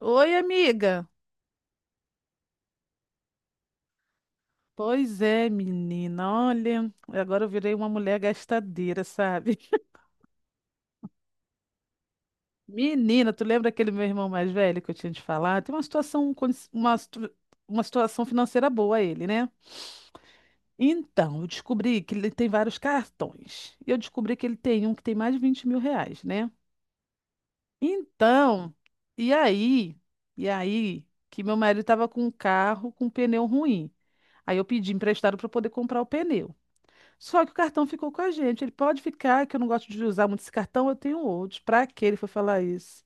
Oi, amiga. Pois é, menina. Olha, agora eu virei uma mulher gastadeira, sabe? Menina, tu lembra aquele meu irmão mais velho que eu tinha te falado? Tem uma situação, con- uma, situ- uma situação financeira boa ele, né? Então, eu descobri que ele tem vários cartões. E eu descobri que ele tem um que tem mais de 20.000 reais, né? Então, e aí? E aí que meu marido estava com um carro com um pneu ruim. Aí eu pedi emprestado para poder comprar o pneu. Só que o cartão ficou com a gente. Ele pode ficar, que eu não gosto de usar muito esse cartão, eu tenho outros. Pra que ele foi falar isso?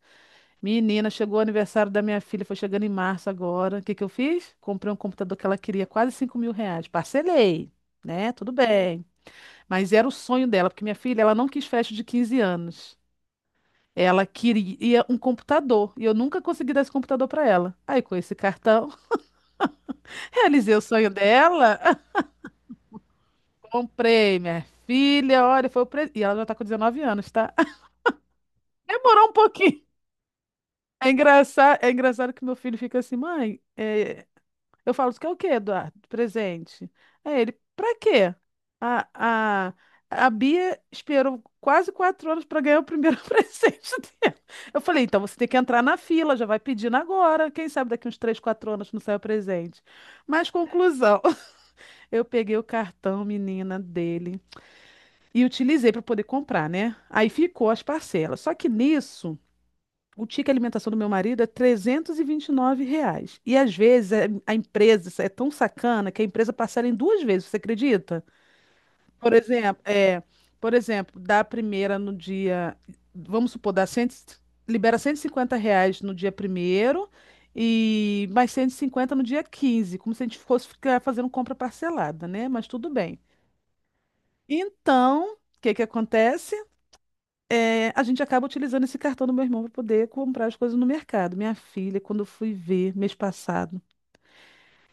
Menina, chegou o aniversário da minha filha, foi chegando em março agora. O que que eu fiz? Comprei um computador que ela queria, quase 5.000 reais. Parcelei, né? Tudo bem. Mas era o sonho dela, porque minha filha, ela não quis festa de 15 anos. Ela queria um computador e eu nunca consegui dar esse computador pra ela. Aí, com esse cartão, realizei o sonho dela. Comprei, minha filha, olha, foi o presente. E ela já tá com 19 anos, tá? Demorou um pouquinho. É engraçado que meu filho fica assim, mãe, eu falo, isso que é o quê, Eduardo? Presente. Aí ele, pra quê? A, a, a Bia esperou quase 4 anos para ganhar o primeiro presente dela. Eu falei, então você tem que entrar na fila, já vai pedindo agora. Quem sabe daqui uns três, quatro anos não sai o presente. Mas conclusão, eu peguei o cartão, menina, dele e utilizei para poder comprar, né? Aí ficou as parcelas. Só que nisso. O ticket alimentação do meu marido é trezentos e vinte e nove reais. E às vezes a empresa é tão sacana que a empresa parcela em duas vezes, você acredita? Por exemplo, por exemplo, dá a primeira no dia, vamos supor, dá 100, libera 150 reais no dia primeiro e mais 150 no dia 15, como se a gente fosse ficar fazendo compra parcelada, né? Mas tudo bem. Então, o que que acontece? A gente acaba utilizando esse cartão do meu irmão para poder comprar as coisas no mercado. Minha filha, quando eu fui ver mês passado,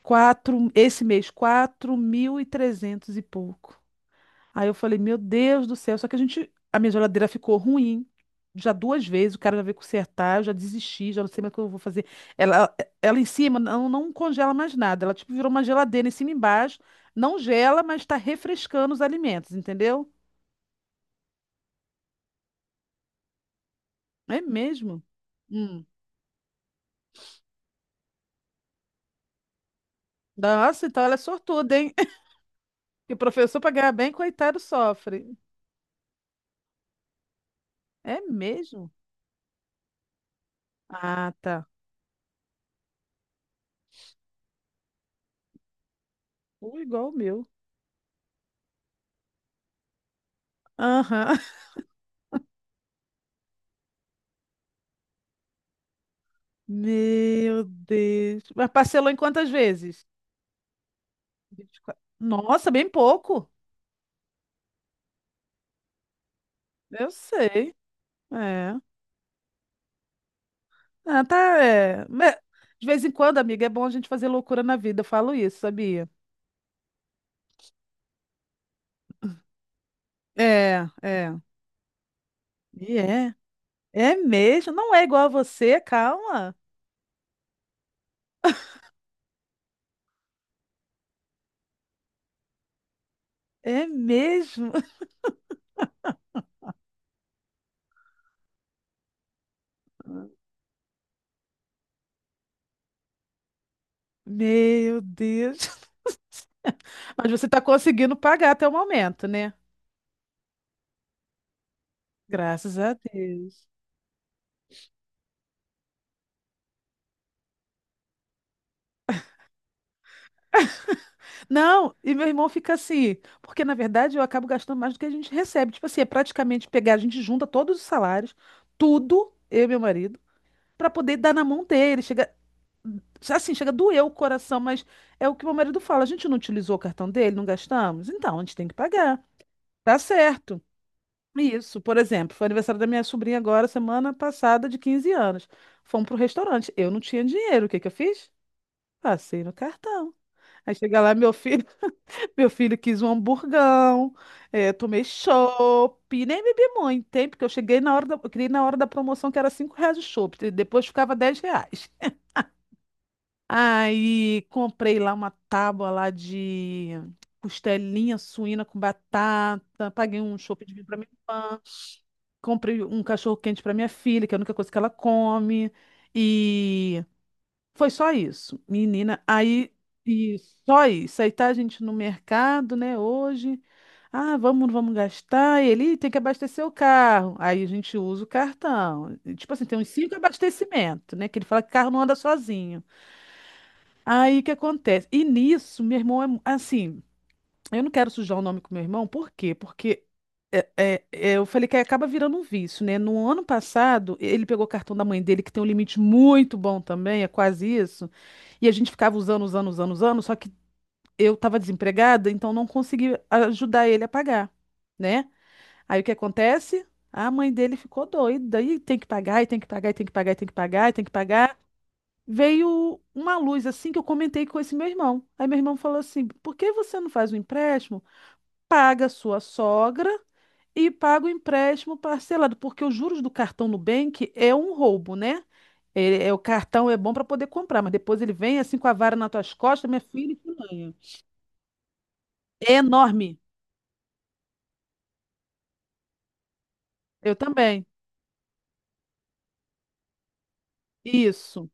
quatro, esse mês, 4.300 e trezentos e pouco. Aí eu falei, meu Deus do céu, só que a gente, a minha geladeira ficou ruim. Já duas vezes, o cara já veio consertar, eu já desisti, já não sei mais o que eu vou fazer. Ela, ela em cima não, não congela mais nada, ela tipo virou uma geladeira em cima e embaixo, não gela, mas está refrescando os alimentos, entendeu? É mesmo? Hum. Nossa, então ela é sortuda, hein? E o professor para ganhar bem, coitado, sofre. É mesmo? Ah, tá. Ou igual o meu. Aham. Meu Deus. Mas parcelou em quantas vezes? 24. Nossa, bem pouco. Eu sei. É. Ah, tá. É. Mas, de vez em quando, amiga, é bom a gente fazer loucura na vida. Eu falo isso, sabia? É, é. E é. É mesmo. Não é igual a você, calma. É mesmo. Meu Deus. Mas você está conseguindo pagar até o momento, né? Graças a Deus. Não, e meu irmão fica assim, porque na verdade eu acabo gastando mais do que a gente recebe. Tipo assim, é praticamente pegar, a gente junta todos os salários, tudo, eu e meu marido, para poder dar na mão dele. Chega, assim, chega a doer o coração, mas é o que meu marido fala, a gente não utilizou o cartão dele, não gastamos? Então, a gente tem que pagar. Tá certo. Isso, por exemplo, foi aniversário da minha sobrinha agora, semana passada, de 15 anos. Fomos pro restaurante. Eu não tinha dinheiro. O que que eu fiz? Passei no cartão. Aí chega lá, meu filho, meu filho quis um hamburgão, tomei chopp, nem bebi muito, hein? Porque eu cheguei na hora da, eu queria ir na hora da promoção que era 5 reais o chopp, e depois ficava 10 reais. Aí comprei lá uma tábua lá de costelinha suína com batata, paguei um chopp de vinho pra minha irmã. Comprei um cachorro-quente para minha filha, que é a única coisa que ela come. E foi só isso, menina. Aí, e só isso. Aí tá a gente no mercado, né, hoje. Ah, vamos gastar. E ele "Ih, tem que abastecer o carro. Aí a gente usa o cartão. E, tipo assim, tem uns 5 abastecimentos, né? Que ele fala que carro não anda sozinho. Aí o que acontece? E nisso, meu irmão é assim. Eu não quero sujar o nome com meu irmão, por quê? Porque eu falei que acaba virando um vício, né? No ano passado, ele pegou o cartão da mãe dele, que tem um limite muito bom também, é quase isso. E a gente ficava usando, usando, usando, usando, só que eu estava desempregada, então não consegui ajudar ele a pagar, né? Aí o que acontece? A mãe dele ficou doida, e tem que pagar, e tem que pagar, e tem que pagar, e tem que pagar, e tem que pagar. Veio uma luz assim que eu comentei com esse meu irmão. Aí meu irmão falou assim: por que você não faz um empréstimo? Paga a sua sogra e paga o empréstimo parcelado, porque os juros do cartão Nubank é um roubo, né? É, o cartão é bom para poder comprar, mas depois ele vem assim com a vara nas tuas costas, minha filha, e te É enorme. Eu também. Isso.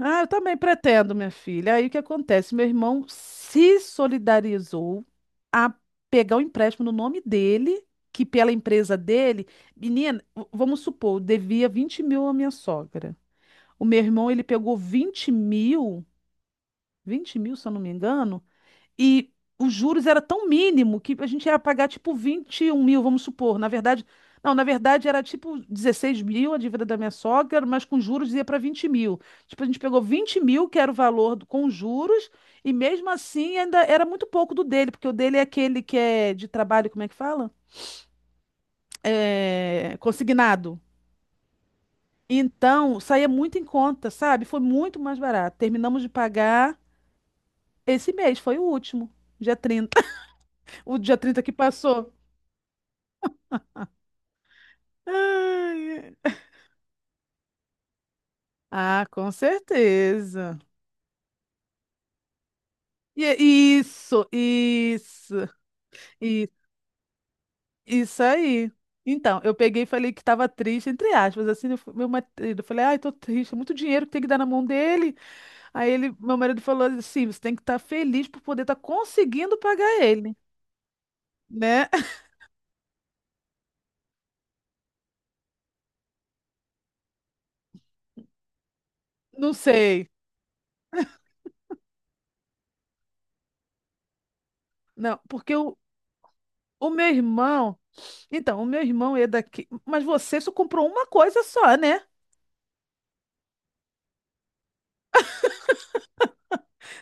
Ah, eu também pretendo, minha filha. Aí o que acontece? Meu irmão se solidarizou a pegar o empréstimo no nome dele, que pela empresa dele, menina, vamos supor, devia 20.000 à minha sogra. O meu irmão, ele pegou 20.000, 20.000, se eu não me engano, e os juros era tão mínimo que a gente ia pagar tipo 21.000, vamos supor. Na verdade, não, na verdade era tipo 16.000 a dívida da minha sogra, mas com juros ia para 20.000. Tipo, a gente pegou 20.000, que era o valor com juros, e mesmo assim ainda era muito pouco do dele, porque o dele é aquele que é de trabalho, como é que fala? É, consignado. Então, saía muito em conta, sabe? Foi muito mais barato. Terminamos de pagar. Esse mês foi o último, dia 30. O dia 30 que passou. Ai, ai. Ah, com certeza. E é isso, isso, isso, isso aí. Então, eu peguei e falei que estava triste, entre aspas, assim, meu marido, eu falei, ai, tô triste, é muito dinheiro que tem que dar na mão dele. Aí ele, meu marido falou assim, você tem que estar feliz por poder estar conseguindo pagar ele, né? Não sei. Não, porque o meu irmão, Então, o meu irmão é daqui. Mas você só comprou uma coisa só, né?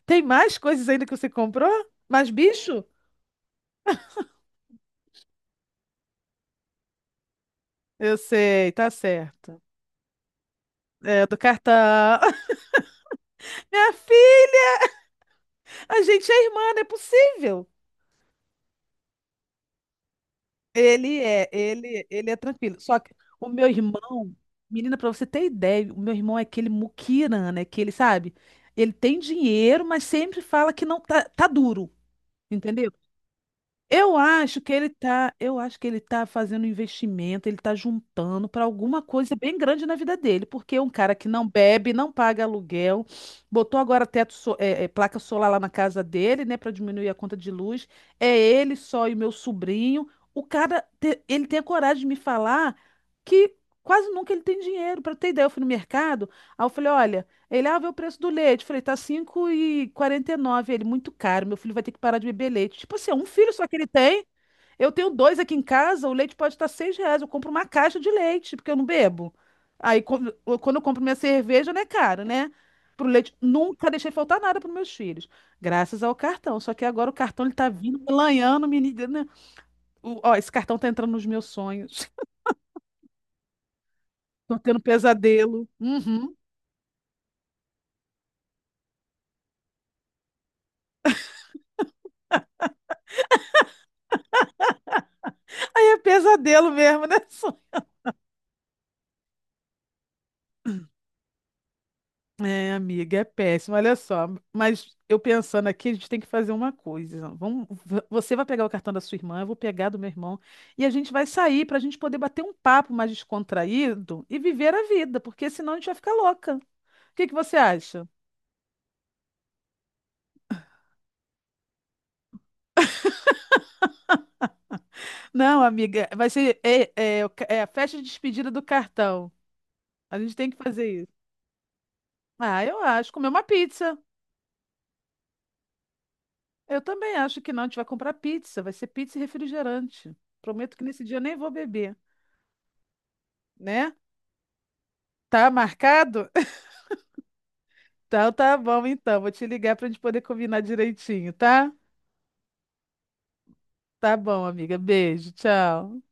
Tem mais coisas ainda que você comprou? Mais bicho? Eu sei, tá certo. É, do cartão. Minha filha, a gente é irmã, não é possível. Ele é tranquilo. Só que o meu irmão, menina, pra você ter ideia, o meu irmão é aquele muquirana, né? Que ele, sabe? Ele tem dinheiro, mas sempre fala que não tá, tá duro, entendeu? Eu acho que ele tá, eu acho que ele tá fazendo um investimento, ele tá juntando para alguma coisa bem grande na vida dele, porque é um cara que não bebe, não paga aluguel, botou agora teto, placa solar lá na casa dele, né, para diminuir a conta de luz. É ele só e meu sobrinho. O cara, ele tem a coragem de me falar que quase nunca ele tem dinheiro. Para ter ideia, eu fui no mercado, aí eu falei, olha ele, ah, vê o preço do leite. Eu falei, tá 5,49. Ele, muito caro. Meu filho vai ter que parar de beber leite. Tipo assim, é um filho só que ele tem. Eu tenho dois aqui em casa. O leite pode estar 6 reais. Eu compro uma caixa de leite, porque eu não bebo. Aí, quando eu compro minha cerveja, não é caro, né? Pro leite. Nunca deixei faltar nada pros meus filhos. Graças ao cartão. Só que agora o cartão, ele tá vindo, melanhando, menina. Ó, esse cartão tá entrando nos meus sonhos. Tô tendo pesadelo. Uhum. Aí é pesadelo mesmo, né? É, amiga, é péssimo. Olha só, mas eu pensando aqui, a gente tem que fazer uma coisa. Você vai pegar o cartão da sua irmã, eu vou pegar do meu irmão, e a gente vai sair para a gente poder bater um papo mais descontraído e viver a vida, porque senão a gente vai ficar louca. O que que você acha? Não, amiga, vai ser é, é, o ca- é a festa de despedida do cartão. A gente tem que fazer isso. Ah, eu acho. Comer uma pizza. Eu também acho que não. A gente vai comprar pizza. Vai ser pizza e refrigerante. Prometo que nesse dia eu nem vou beber, né? Tá marcado? Então tá bom, então. Vou te ligar pra gente poder combinar direitinho, tá? Tá bom, amiga. Beijo, tchau.